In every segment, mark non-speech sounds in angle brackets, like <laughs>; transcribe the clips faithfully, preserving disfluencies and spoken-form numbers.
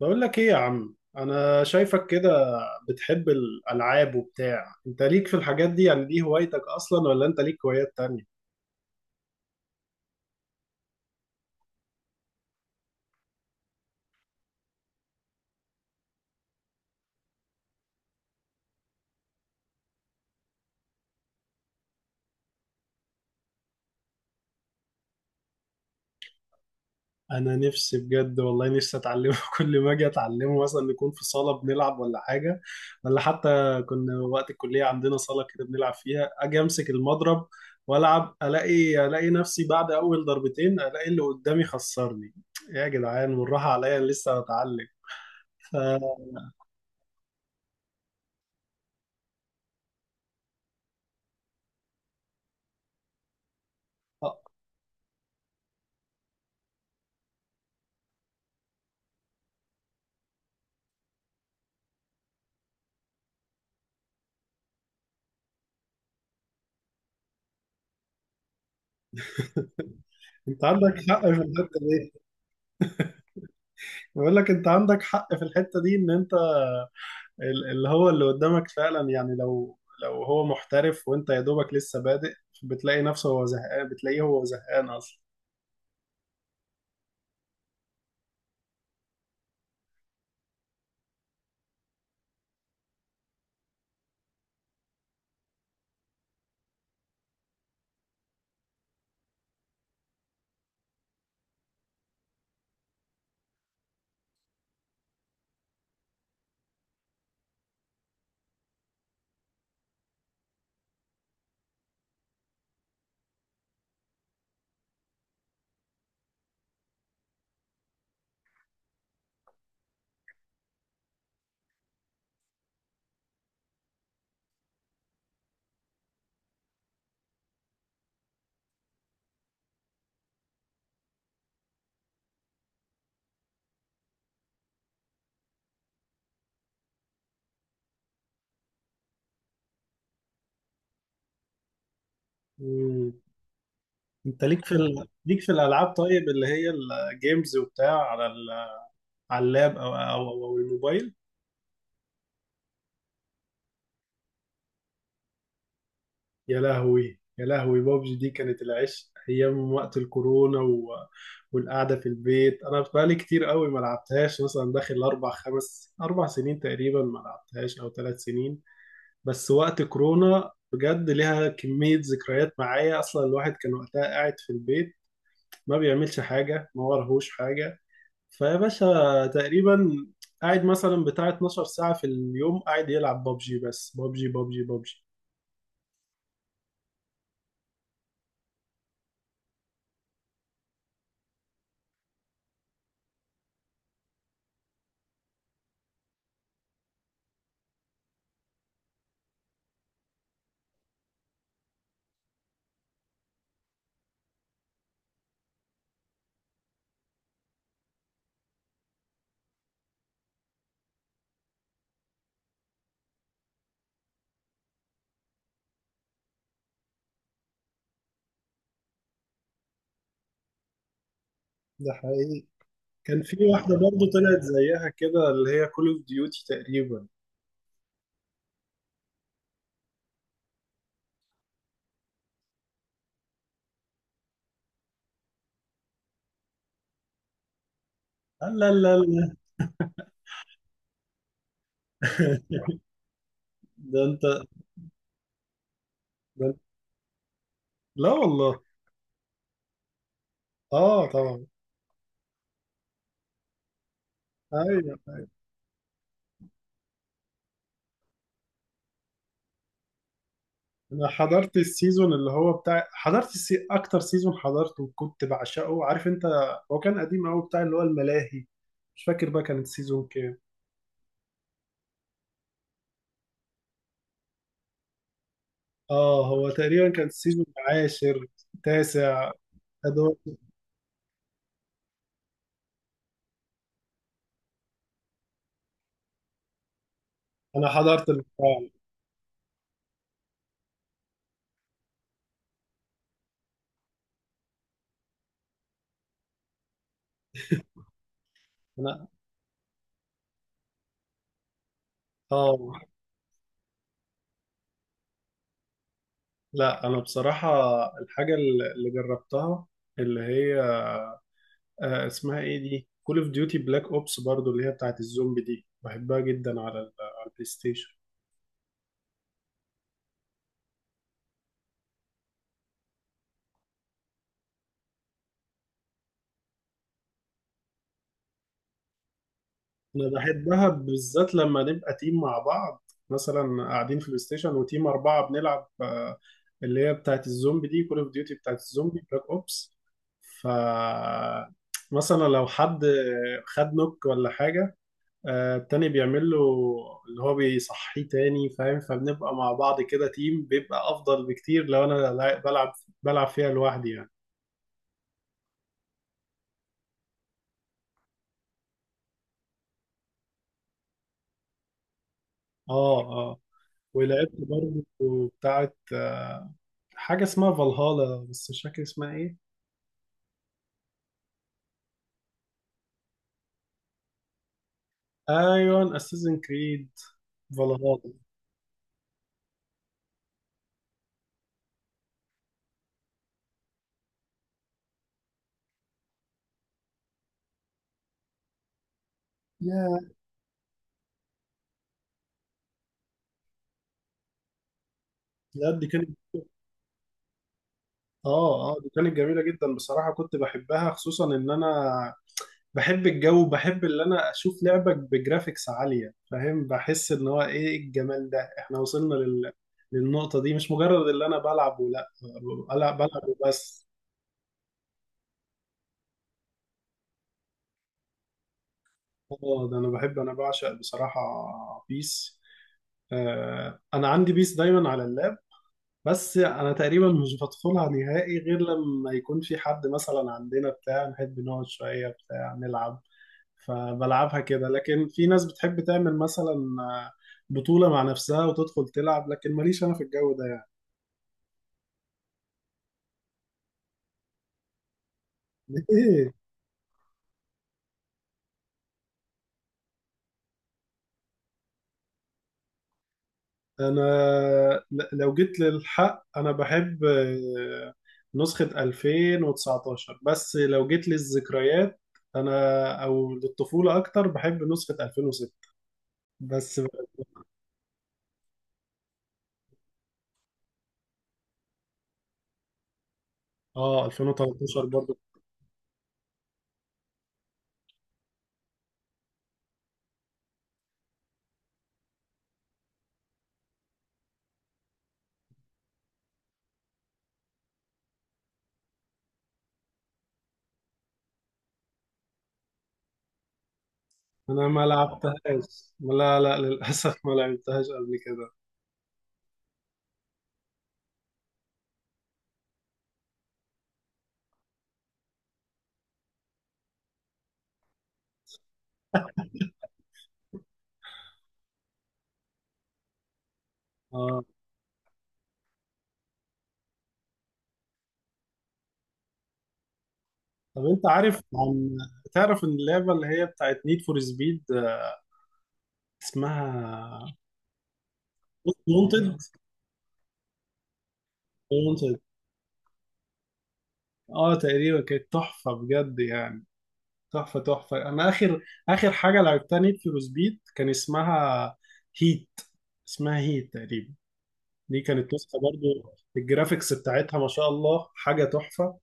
بقول لك ايه يا عم، انا شايفك كده بتحب الالعاب وبتاع. انت ليك في الحاجات دي يعني؟ دي هوايتك اصلا ولا انت ليك هوايات تانية؟ انا نفسي بجد والله نفسي اتعلمه. <laughs> كل ما اجي اتعلمه مثلا نكون في صالة بنلعب ولا حاجة. ولا حتى كنا وقت الكلية عندنا صالة كده بنلعب فيها، اجي امسك المضرب والعب، الاقي الاقي نفسي بعد اول ضربتين الاقي اللي قدامي خسرني يا جدعان والراحة عليا لسه بتعلم. ف- أه، انت عندك حق في الحتة دي. بقول لك انت عندك حق في الحتة دي، ان انت ال- اللي هو اللي قدامك فعلا، يعني لو لو هو محترف وانت يا دوبك لسه بادئ، بتلاقي نفسه هو زهقان بتلاقيه هو زهقان اصلا. مم. انت ليك في ال... ليك في الالعاب طيب، اللي هي الجيمز وبتاع، على ال... على اللاب او او او أو الموبايل؟ يا لهوي يا لهوي، بابجي دي كانت العشق ايام وقت الكورونا و... والقعده في البيت. انا بقالي كتير قوي ما لعبتهاش، مثلا داخل اربع خمس اربع سنين تقريبا ما لعبتهاش، او ثلاث سنين. بس وقت كورونا بجد ليها كميه ذكريات معايا. اصلا الواحد كان وقتها قاعد في البيت ما بيعملش حاجه، ما ورهوش حاجه، فيا باشا تقريبا قاعد مثلا بتاع 12 ساعه في اليوم قاعد يلعب بابجي، بس بابجي بابجي بابجي. ده حقيقي. كان في واحدة برضه طلعت زيها كده اللي هي كول اوف ديوتي تقريبا. لا لا لا لا. <laughs> ده انت، ده انت- لا والله. اه طبعا. ايوه ايوه. انا حضرت السيزون اللي هو بتاع، حضرت السي... اكتر سيزون حضرته كنت بعشقه، عارف انت، هو كان قديم قوي بتاع اللي هو الملاهي. مش فاكر بقى كان السيزون كام. اه هو تقريبا كان السيزون العاشر، تاسع. أدو... انا حضرت البتاع. انا اه. لا انا بصراحة الحاجة اللي اللي جربتها اللي هي آه، اسمها ايه دي، كول اوف ديوتي بلاك اوبس برضو اللي هي بتاعت الزومبي دي، بحبها جدا على ال- على البلاي ستيشن. انا بحبها بالذات لما نبقى تيم مع بعض، مثلا قاعدين في البلاي ستيشن وتيم اربعة بنلعب، آه، اللي هي بتاعت الزومبي دي، كول اوف ديوتي بتاعت الزومبي بلاك اوبس. ف مثلا لو حد خد نوك ولا حاجة، آه، التاني بيعمل له اللي هو بيصحيه تاني، فاهم؟ فبنبقى مع بعض كده تيم بيبقى افضل بكتير لو انا لا- بلعب بلعب فيها لوحدي يعني. اه اه. ولعبت برضه بتاعت آه، حاجة اسمها فالهالا، بس مش فاكر اسمها ايه. ايوه اساسن كريد فالهالا. يا لا دي كانت، اه اه دي كانت جميلة جدا بصراحة، كنت بحبها خصوصا ان انا بحب الجو، بحب اللي انا اشوف لعبك بجرافيكس عالية، فاهم؟ بحس ان هو ايه الجمال ده، احنا وصلنا لل... للنقطة دي، مش مجرد اللي انا بلعب، ولا بلعب بلعب وبس. اه ده انا بحب، انا بعشق بصراحة بيس. آه انا عندي بيس دايما على اللاب، بس انا تقريبا مش بدخلها نهائي غير لما يكون في حد مثلا عندنا بتاع نحب نقعد شوية بتاع نلعب، فبلعبها كده. لكن في ناس بتحب تعمل مثلا آه، بطولة مع نفسها وتدخل تلعب، لكن ماليش أنا في الجو ده يعني. <laughs> ليه؟ أنا ل- لو جيت للحق أنا بحب آه، نسخة ألفين وتسعتاشر، بس لو جيت للذكريات أنا أو للطفولة أكتر بحب نسخة ألفين وستة. بس آه ألفين وتلتاشر برضو. أنا ما لعبتهاش، لا لا للأسف ما لعبتهاش قبل كده. اه طب انت عارف عن، تعرف ان اللعبه اللي هي بتاعت نيد فور سبيد اسمها وونتد. وونتد اه تقريبا، كانت تحفه بجد يعني، تحفه تحفه. انا اخر اخر حاجه لعبتها نيد فور سبيد كان اسمها هيت، اسمها هيت تقريبا. دي كانت نسخه برضو الجرافيكس بتاعتها ما شاء الله، حاجه تحفه.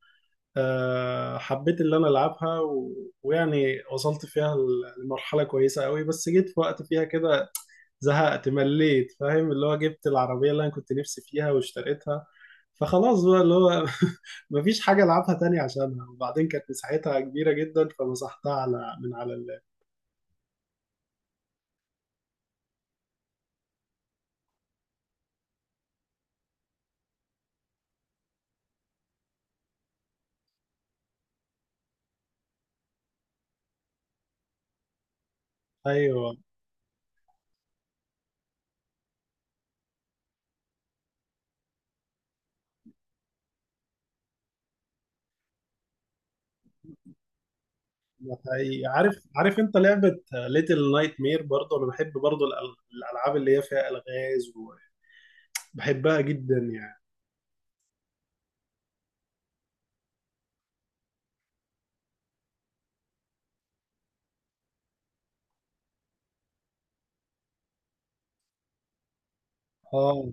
أه حبيت اللي انا العبها و... ويعني وصلت فيها لمرحله كويسه قوي، بس جيت في وقت فيها كده زهقت مليت، فاهم؟ اللي هو جبت العربية اللي انا كنت نفسي فيها واشتريتها، فخلاص بقى اللي هو <laughs> مفيش حاجة العبها تاني عشانها. وبعدين كانت مساحتها كبيرة جدا فمسحتها على من على اللاب. ايوه ده حقيقي. عارف، عارف انت لعبة ليتل نايت مير؟ برضه انا بحب برضه الأل- الالعاب اللي هي فيها الغاز، وبحبها جدا يعني. اه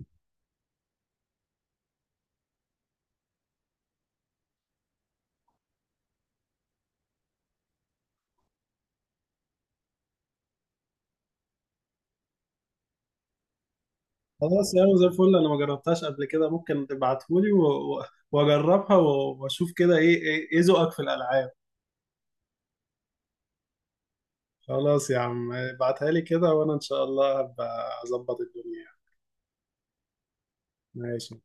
خلاص يا عم زي الفل، انا ما جربتهاش قبل كده، ممكن تبعتهولي و- و- واجربها و- واشوف كده ايه ايه إيه ذوقك في الالعاب. خلاص يا عم ابعتها لي كده، وانا ان شاء الله هبقى اظبط الدنيا. ماشي.